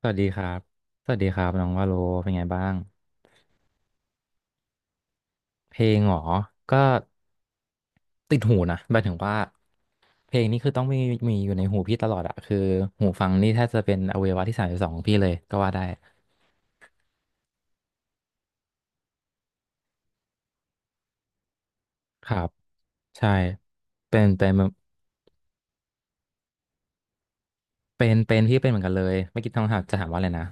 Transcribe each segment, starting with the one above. สวัสดีครับสวัสดีครับน้องวาโลเป็นไงบ้างเพลงเหรอก็ติดหูนะหมายถึงว่าเพลงนี้คือต้องมีมีอยู่ในหูพี่ตลอดอะคือหูฟังนี่แทบจะเป็นอวัยวะที่32ของพี่เลยก็ว่าได้ครับใช่เป็นเป็นเป็นพี่เป็นเหมือนกันเลยไม่คิดต้องถามจะถามว่าอะไรนะ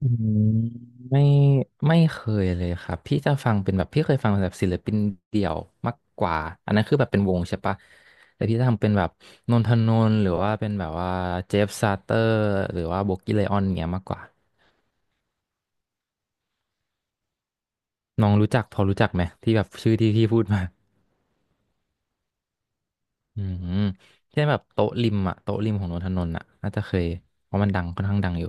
อืมไม่ไม่เคยเลยครับพี่จะฟังเป็นแบบพี่เคยฟังแบบศิลปินเดี่ยวมากกว่าอันนั้นคือแบบเป็นวงใช่ปะแต่พี่จะทำเป็นแบบนนทนนท์หรือว่าเป็นแบบว่าเจฟซาเตอร์หรือว่าโบกี้ไลออนเงี้ยมากกว่าน้องรู้จักพอรู้จักไหมที่แบบชื่อที่พี่พูดมาอืมเช่นแบบโต๊ะริมอะโต๊ะริมของนนทนนท์อะน่าจะเคยเพราะมันดังค่อนข้างดังอยู่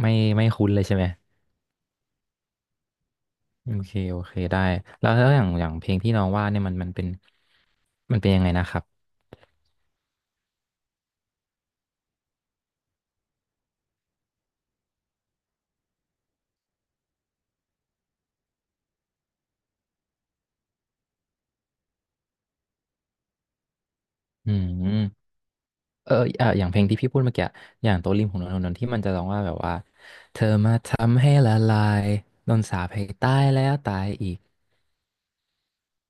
ไม่ไม่คุ้นเลยใช่ไหมโอเคโอเคได้แล้วอย่างเพลงที่น้องว่าเนี่ยมันเป็นมันเป็นยังไงนะครับ อืมเอออ่ะอย่างเพลงที่พี่พูดเมื่อกี้อย่างโตะริมของนนทนนท์ที่มันจะร้องว่าแบบว่าเธอมาทำให้ละลายโดนสาปให้ตายแล้วตายอีก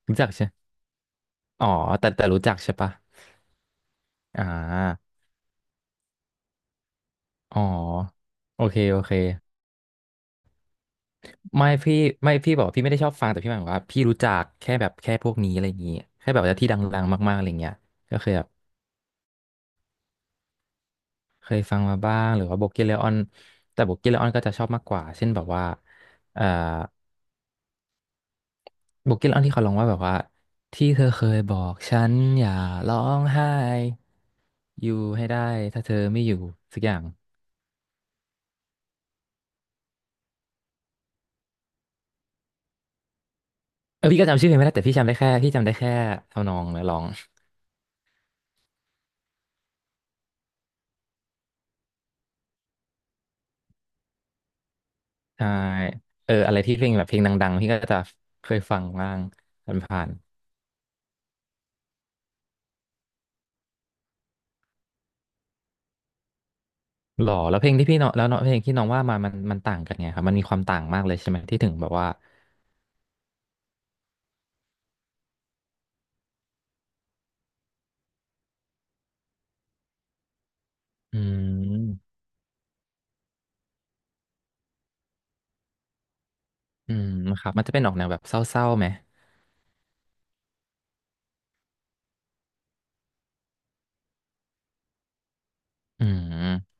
รู้จักใช่อ๋อแต่รู้จักใช่ปะอ่าอ๋อโอเคโอเคไม่พี่ไม่พี่บอกว่าพี่ไม่ได้ชอบฟังแต่พี่หมายถึงว่าพี่รู้จักแค่แบบแค่พวกนี้อะไรอย่างงี้แค่แบบว่าที่ดังๆมากๆอะไรเงี้ยก็เคยแบบเคยฟังมาบ้างหรือว่าโบเกเลออนแต่โบเกเลออนก็จะชอบมากกว่าเช่นแบบว่าเอ่อ โบุกี้เล่าที่เขาลงว่าแบบว่าที่เธอเคยบอกฉันอย่าร้องไห้อยู่ให้ได้ถ้าเธอไม่อยู่สักอย่างเออพี่ก็จำชื่อเพลงไม่ได้แต่พี่จำได้แค่ทำนองและร้องใช่เอออะไรที่เพลงแบบเพลงดังๆพี่ก็จะเคยฟังบ้างผ่านๆหรอแล้วเพลงที่พี่เนาะแล้วเนาะเพลงที่น้องว่ามามันต่างกันไงครับมันมีความต่างมากเลยใช่ไหมที่ถึงแบบว่าอืมอืมครับมันจะเป็นออกแนวแบบเศร้าๆไหมอืม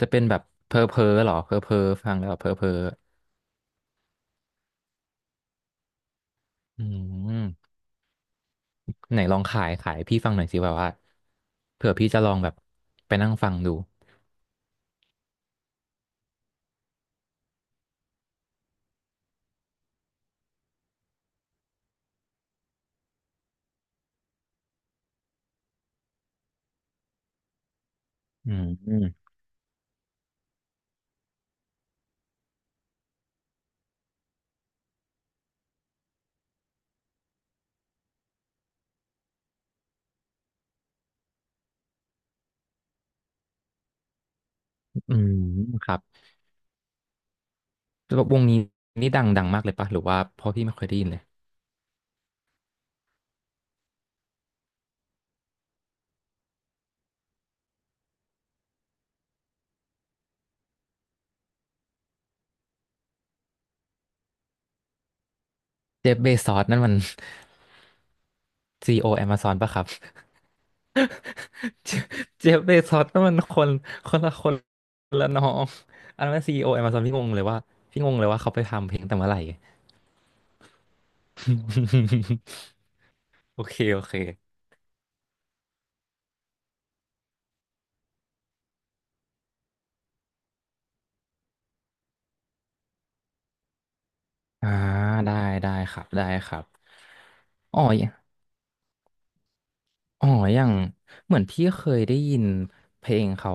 จะเป็นแบบเพ้อๆหรอเพ้อๆฟังแล้วแบบเพ้อเพ้อ อืมไหนลองขายพี่ฟังหน่อยสิแบบว่าเผื่อพี่จะลองแบบไปนั่งฟังดูอืมอืมอืมครับแล้ววงนี้ดังมากเลยปะหรือว่าเพราะพี่ไม่เคยได้ยินเลยเจฟเบซอสนั่นมัน CEO Amazon ปะครับเจฟเจฟเบซอส นั่นมันคนละคนละน้องอันนั้น CEO Amazon พี่งงเลยว่าเขาไปทำเพลงตั้งแต่เมื่อไหร่ โอเคโอเคอ่าได้ได้ครับได้ครับอ๋อ อ๋ออย่างเหมือนพี่เคยได้ยินเพลงเขา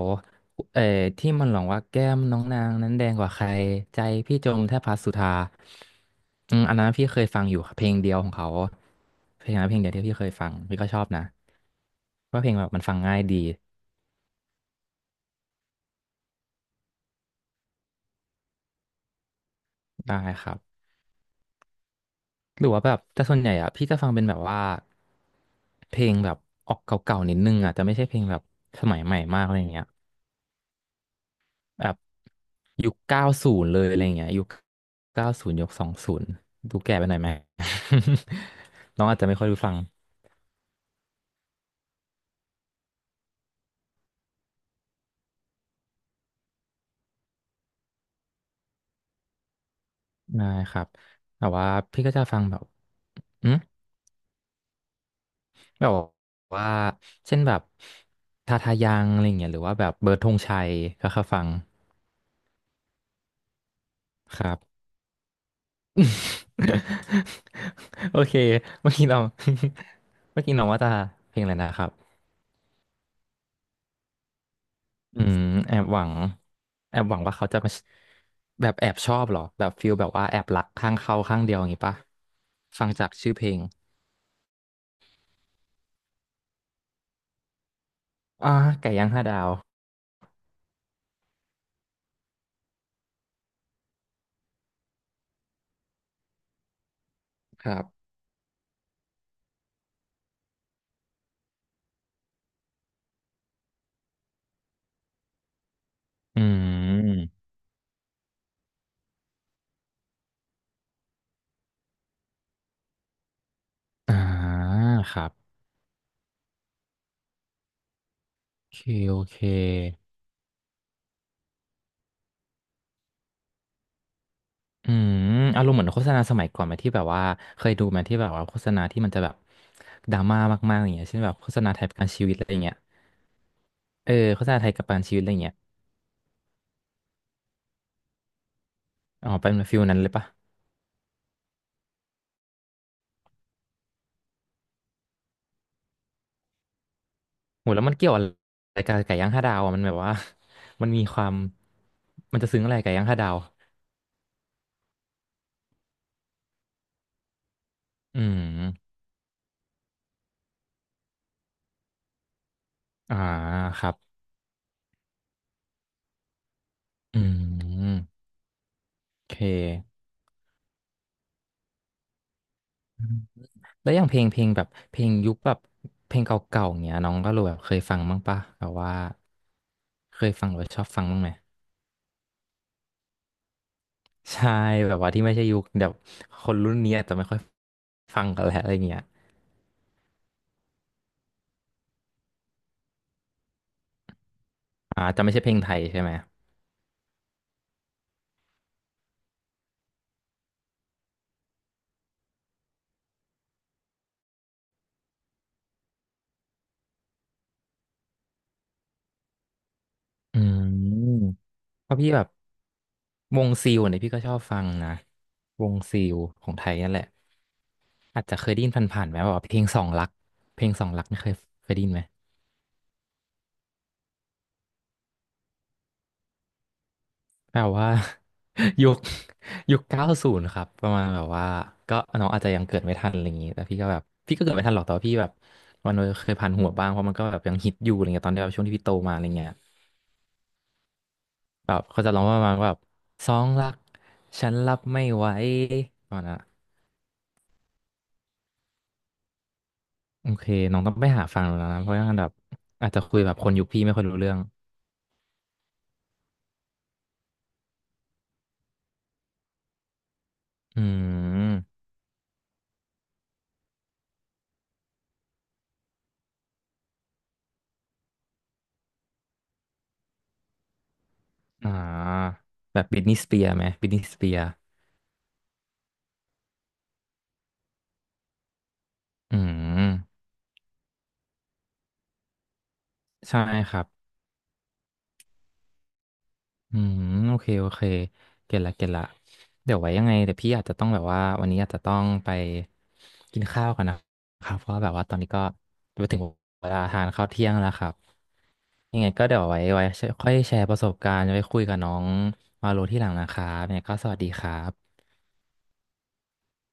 เอ่อที่มันร้องว่าแก้มน้องนางนั้นแดงกว่าใครใจพี่จมแทบพัสสุธาอืมอันนั้นพี่เคยฟังอยู่ค่ะเพลงเดียวของเขาเพลงนั้นเพลงเดียวที่พี่เคยฟังพี่ก็ชอบนะว่าเพลงแบบมันฟังง่ายดีได้ครับหรือว่าแบบแต่ส่วนใหญ่อะพี่จะฟังเป็นแบบว่าเพลงแบบออกเก่าๆนิดนึงอะจะไม่ใช่เพลงแบบสมัยใหม่มากอะไรอย่างเงี้ย แบบยุค90เลยอะไรเงี้ยยุค20ดูแก่ไปหน่อยไหม น้องอาจจะไม่ค่อยรู้ฟังได้ครับแต่ว่าพี่ก็จะฟังแบบอืมแบบว่าเช่นแบบทาทายังอะไรเงี้ยหรือว่าแบบเบิร์ดธงชัยก็เคยฟังครับ โอเคเมื่อกี้เรา เมื่อกี้น้องว่าจะเพลงอะไรนะครับ อืมแอบหวังแอบหวังว่าเขาจะมาแบบแอบชอบเหรอแบบฟิลแบบว่าแอบรักข้างเขาข้างเดียวอย่างงี้ปะฟังจากชื่อเพลงอ่าไก่ย่างห้าดาวครับอืมอ่าครับโอเคโอเคอืมอารมณ์เหมือนโฆษณาสมัยก่อนไหมที่แบบว่าเคยดูไหมที่แบบว่าโฆษณาที่มันจะแบบดราม่ามากๆอย่างเงี้ยเช่นแบบโฆษณาไทยประกันชีวิตอะไรเงี้ยเออโฆษณาไทยประกันชีวิตอะไรเงี้ยอ๋อเป็นฟิลนั้นเลยปะ โหแล้วมันเกี่ยวอะไรกับไก่ย่างห้าดาวอ่ะมันแบบว่า มันมีความมันจะซึ้งอะไรไก่ย่างห้าดาวอืมอ่าครับอืมโอเคอืมแล้วอย่างเพลงเพลงแบบเพลงยุคแบบเพลงเก่าๆอย่างเงี้ยน้องก็รู้แบบเคยฟังบ้างปะแบบว่าเคยฟังหรือว่าชอบฟังบ้างไหม ใช่แบบว่าที่ไม่ใช่ยุคแบบคนรุ่นนี้อาจจะไม่ค่อยฟังกันแล้วอะไรเงี้ยอ่าจะไม่ใช่เพลงไทยใช่ไหมอืม เพราะพี่แบบวงซิลเนี่ยพี่ก็ชอบฟังนะวงซิลของไทยนั่นแหละอาจจะเคยได้ยินผ่านๆไหมว่าเพลงสองรักเพลงสองรักนี่เคยได้ยินไหมแปลว่า ยุค90ครับประมาณแบบว่าก็น้องอาจจะยังเกิดไม่ทันอะไรอย่างนี้แต่พี่ก็แบบพี่ก็เกิดไม่ทันหรอกแต่ว่าพี่แบบวันนี้เคยผ่านหัวบ้างเพราะมันก็แบบยังฮิตอยู่อะไรเงี้ยตอนที่แบบช่วงที่พี่โตมาอะไรเงี้ยแบบเขาจะร้องว่าประมาณว่าแบบสองรักฉันรับไม่ไหวประมาณนั้น โอเคน้องต้องไปหาฟังดูแล้วนะ เพราะว่าแบบอาจจะคุยแบบคนยุคพี่ไม่ค่อยรู้เรื่องอืมอ่าแบบบิทนีย์สเปียร์ไหมบิทนีย์สเปียร์อืมใช่ครับอืมโอเคโอเคเก็ตละเก็ตละเดี๋ยวไว้ยังไงเดี๋ยวพี่อาจจะต้องแบบว่าวันนี้อาจจะต้องไปกินข้าวกันนะครับเพราะว่าแบบว่าตอนนี้ก็ไปถึงเวลาทานข้าวเที่ยงแล้วครับยังไงก็เดี๋ยวไว้ค่อยแชร์ประสบการณ์ไว้คุยกับน้องมาโลที่หลังนะครับยังไงก็สวัสดีครับ